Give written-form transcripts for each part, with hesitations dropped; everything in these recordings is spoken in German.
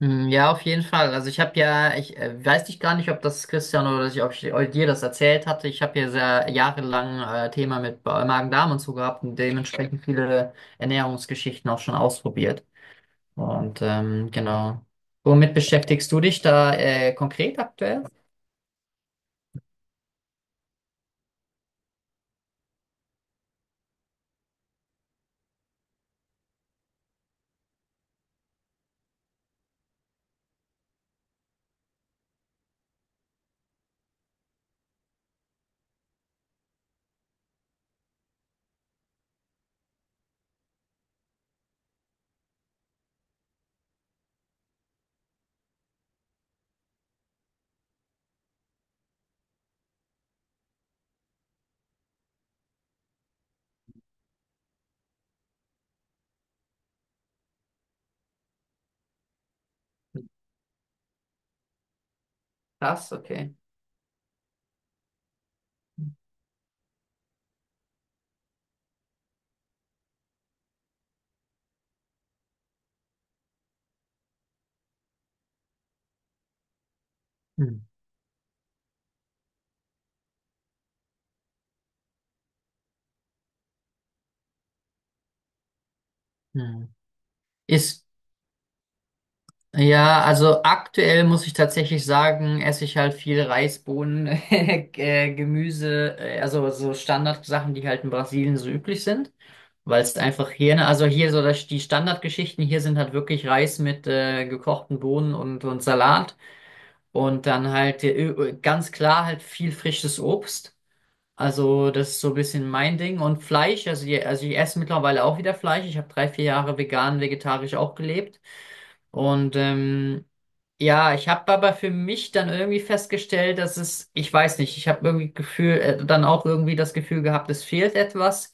Hm, ja, auf jeden Fall. Also ich habe ja, ich weiß nicht gar nicht, ob das Christian oder ich, ob ich dir das erzählt hatte. Ich habe ja sehr jahrelang Thema mit Magen-Darm und so gehabt und dementsprechend viele Ernährungsgeschichten auch schon ausprobiert. Genau. Womit beschäftigst du dich da konkret aktuell? Das, okay. Hm. Hm. Isst Ja, also aktuell muss ich tatsächlich sagen, esse ich halt viel Reisbohnen, Gemüse, also so Standardsachen, die halt in Brasilien so üblich sind, weil es einfach hier, ne, die Standardgeschichten hier sind halt wirklich Reis mit gekochten Bohnen und Salat und dann halt ganz klar halt viel frisches Obst. Also das ist so ein bisschen mein Ding und Fleisch, also, also ich esse mittlerweile auch wieder Fleisch. Ich habe 3, 4 Jahre vegan, vegetarisch auch gelebt. Und ähm, ja, ich habe aber für mich dann irgendwie festgestellt, ich weiß nicht, ich habe irgendwie Gefühl, dann auch irgendwie das Gefühl gehabt, es fehlt etwas.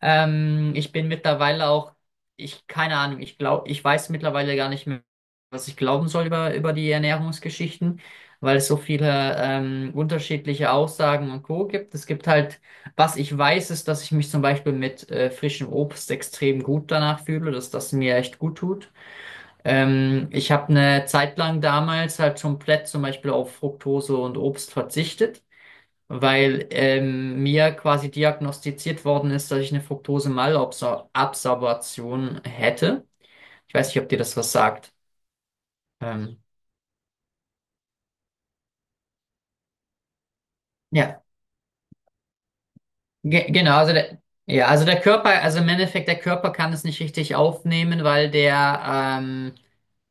Ich bin mittlerweile auch, ich, keine Ahnung, ich glaube, ich weiß mittlerweile gar nicht mehr, was ich glauben soll über die Ernährungsgeschichten, weil es so viele unterschiedliche Aussagen und Co. gibt. Es gibt halt, was ich weiß, ist, dass ich mich zum Beispiel mit frischem Obst extrem gut danach fühle, dass das mir echt gut tut. Ich habe eine Zeit lang damals halt komplett zum Beispiel auf Fructose und Obst verzichtet, weil mir quasi diagnostiziert worden ist, dass ich eine Fructose-Malabsorption hätte. Ich weiß nicht, ob dir das was sagt. Ähm, ja, Ge genau, ja, also der Körper, also im Endeffekt, der Körper kann es nicht richtig aufnehmen, ähm,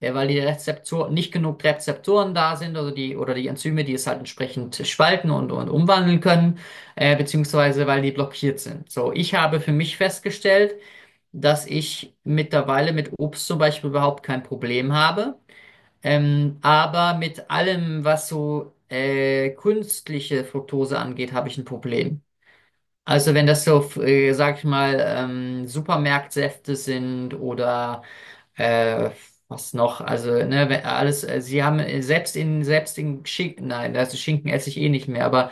weil die Rezeptoren, nicht genug Rezeptoren da sind, also die, oder die Enzyme, die es halt entsprechend spalten und umwandeln können, beziehungsweise weil die blockiert sind. So, ich habe für mich festgestellt, dass ich mittlerweile mit Obst zum Beispiel überhaupt kein Problem habe. Aber mit allem, was so künstliche Fructose angeht, habe ich ein Problem. Also wenn das so, sag ich mal, Supermarktsäfte sind oder äh, also ne, wenn alles, sie haben selbst in Schinken, nein, also Schinken esse ich eh nicht mehr, aber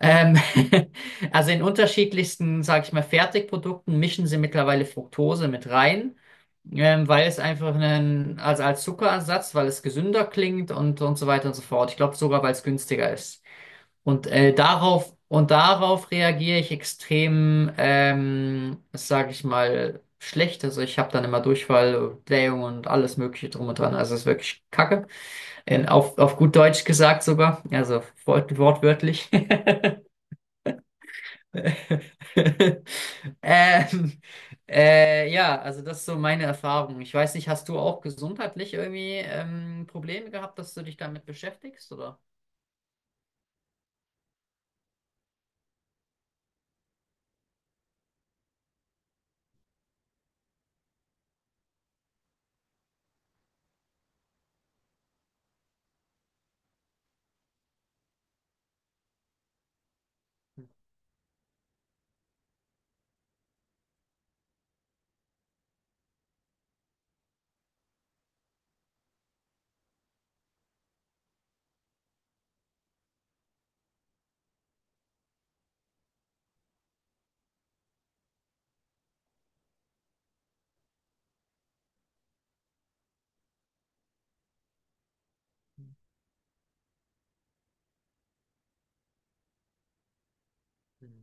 ähm, also in unterschiedlichsten, sag ich mal, Fertigprodukten mischen sie mittlerweile Fructose mit rein, weil es einfach also als Zuckerersatz, weil es gesünder klingt und so weiter und so fort. Ich glaube sogar, weil es günstiger ist. Und darauf reagiere ich extrem, sage ich mal, schlecht. Also ich habe dann immer Durchfall, Blähung und alles Mögliche drum und dran. Also es ist wirklich Kacke. Auf gut Deutsch gesagt sogar. Also wortwörtlich. Ähm, ja, also das ist so meine Erfahrung. Ich weiß nicht, hast du auch gesundheitlich irgendwie Probleme gehabt, dass du dich damit beschäftigst, oder? Mhm.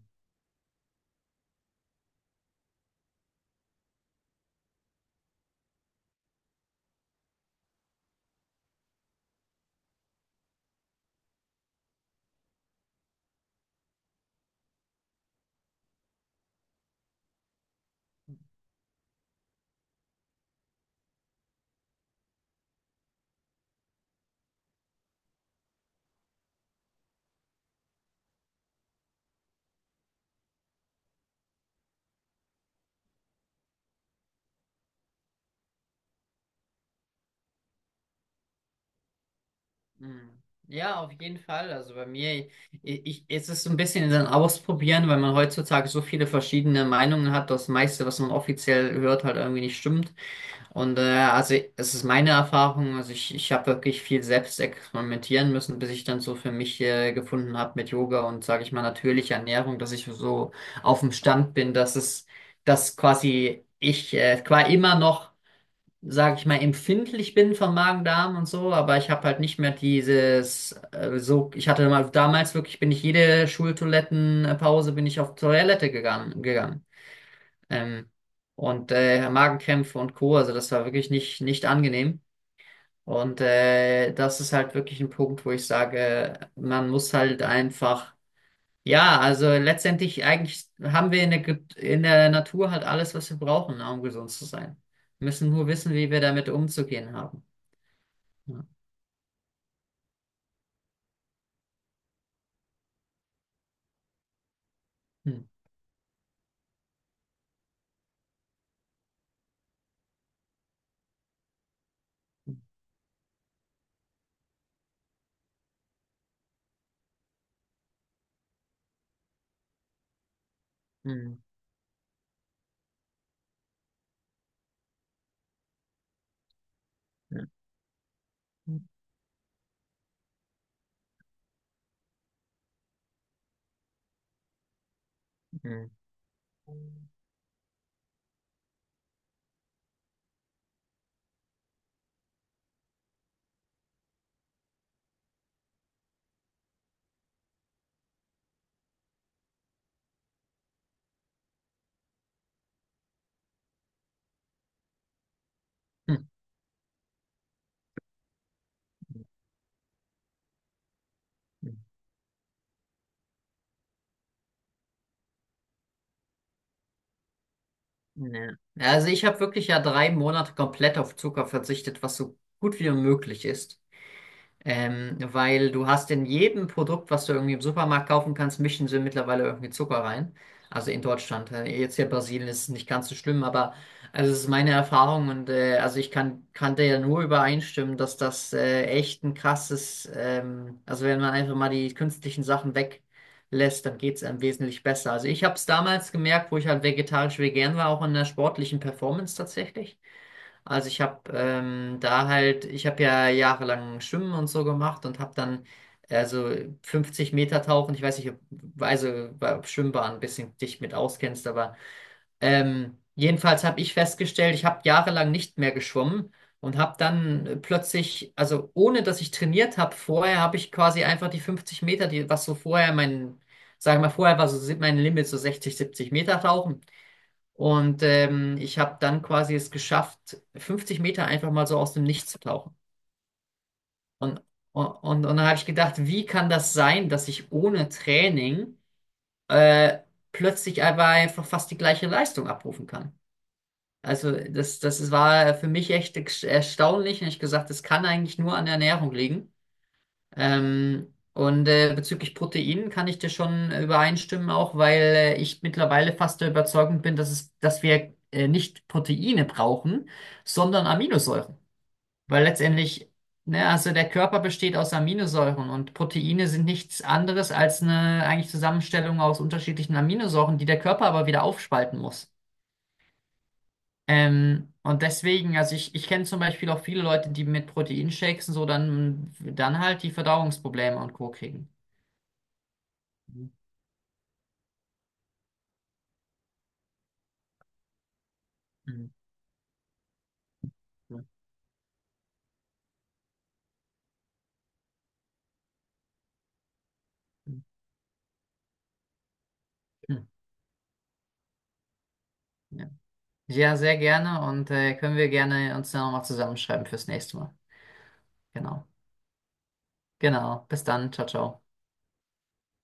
Mhm. Ja, auf jeden Fall. Also bei mir, ich, es ist so ein bisschen ein Ausprobieren, weil man heutzutage so viele verschiedene Meinungen hat, dass das meiste, was man offiziell hört, halt irgendwie nicht stimmt. Und also es ist meine Erfahrung, ich habe wirklich viel selbst experimentieren müssen, bis ich dann so für mich gefunden habe mit Yoga und, sage ich mal, natürlicher Ernährung, dass ich so auf dem Stand bin, dass quasi ich quasi immer noch sag ich mal, empfindlich bin vom Magen-Darm und so, aber ich habe halt nicht mehr dieses, so, ich hatte mal damals wirklich, bin ich auf Toilette gegangen. Ähm, und Magenkrämpfe und Co., also das war wirklich nicht angenehm. Und das ist halt wirklich ein Punkt, wo ich sage, man muss halt einfach, ja, also letztendlich eigentlich haben wir in der, in der Natur halt alles, was wir brauchen, ne, um gesund zu sein. Wir müssen nur wissen, wie wir damit umzugehen haben. Ja. Hm, hm, ja. Hm, hm, hm, hm, hm. Ja. Also ich habe wirklich ja 3 Monate komplett auf Zucker verzichtet, was so gut wie möglich ist. Weil du hast in jedem Produkt, was du irgendwie im Supermarkt kaufen kannst, mischen sie mittlerweile irgendwie Zucker rein. Also in Deutschland. Jetzt hier in Brasilien ist es nicht ganz so schlimm, aber also es ist meine Erfahrung und also ich kann dir ja nur übereinstimmen, dass das echt ein krasses, also wenn man einfach mal die künstlichen Sachen weglässt, dann geht es einem wesentlich besser. Also ich habe es damals gemerkt, wo ich halt vegetarisch vegan war, auch in der sportlichen Performance tatsächlich. Also ich habe ich habe ja jahrelang Schwimmen und so gemacht und habe dann also 50 Meter Tauchen, ich weiß nicht, ob, also ob Schwimmbahn ein bisschen dich mit auskennst, aber jedenfalls habe ich festgestellt, ich habe jahrelang nicht mehr geschwommen und habe dann plötzlich, also ohne dass ich trainiert habe, vorher habe ich quasi einfach die 50 Meter, die was so vorher mein, sagen wir mal, vorher war so mein Limit so 60, 70 Meter Tauchen. Und ich habe dann quasi es geschafft, 50 Meter einfach mal so aus dem Nichts zu tauchen. Und, und dann habe ich gedacht, wie kann das sein, dass ich ohne Training äh, plötzlich aber einfach fast die gleiche Leistung abrufen kann? Das war für mich echt erstaunlich. Und ich gesagt, das kann eigentlich nur an der Ernährung liegen. Bezüglich Proteinen kann ich dir schon übereinstimmen, auch weil ich mittlerweile fast der Überzeugung bin, dass wir nicht Proteine brauchen, sondern Aminosäuren. Weil letztendlich, ne, also der Körper besteht aus Aminosäuren und Proteine sind nichts anderes als eine eigentlich Zusammenstellung aus unterschiedlichen Aminosäuren, die der Körper aber wieder aufspalten muss. Und deswegen, ich kenne zum Beispiel auch viele Leute, die mit Proteinshakes und so dann halt die Verdauungsprobleme und Co. kriegen. Hm, hm, hm, hm. Ja, ja, sehr gerne und können wir gerne uns dann nochmal zusammenschreiben fürs nächste Mal. Genau. Genau. Bis dann. Ciao, ciao.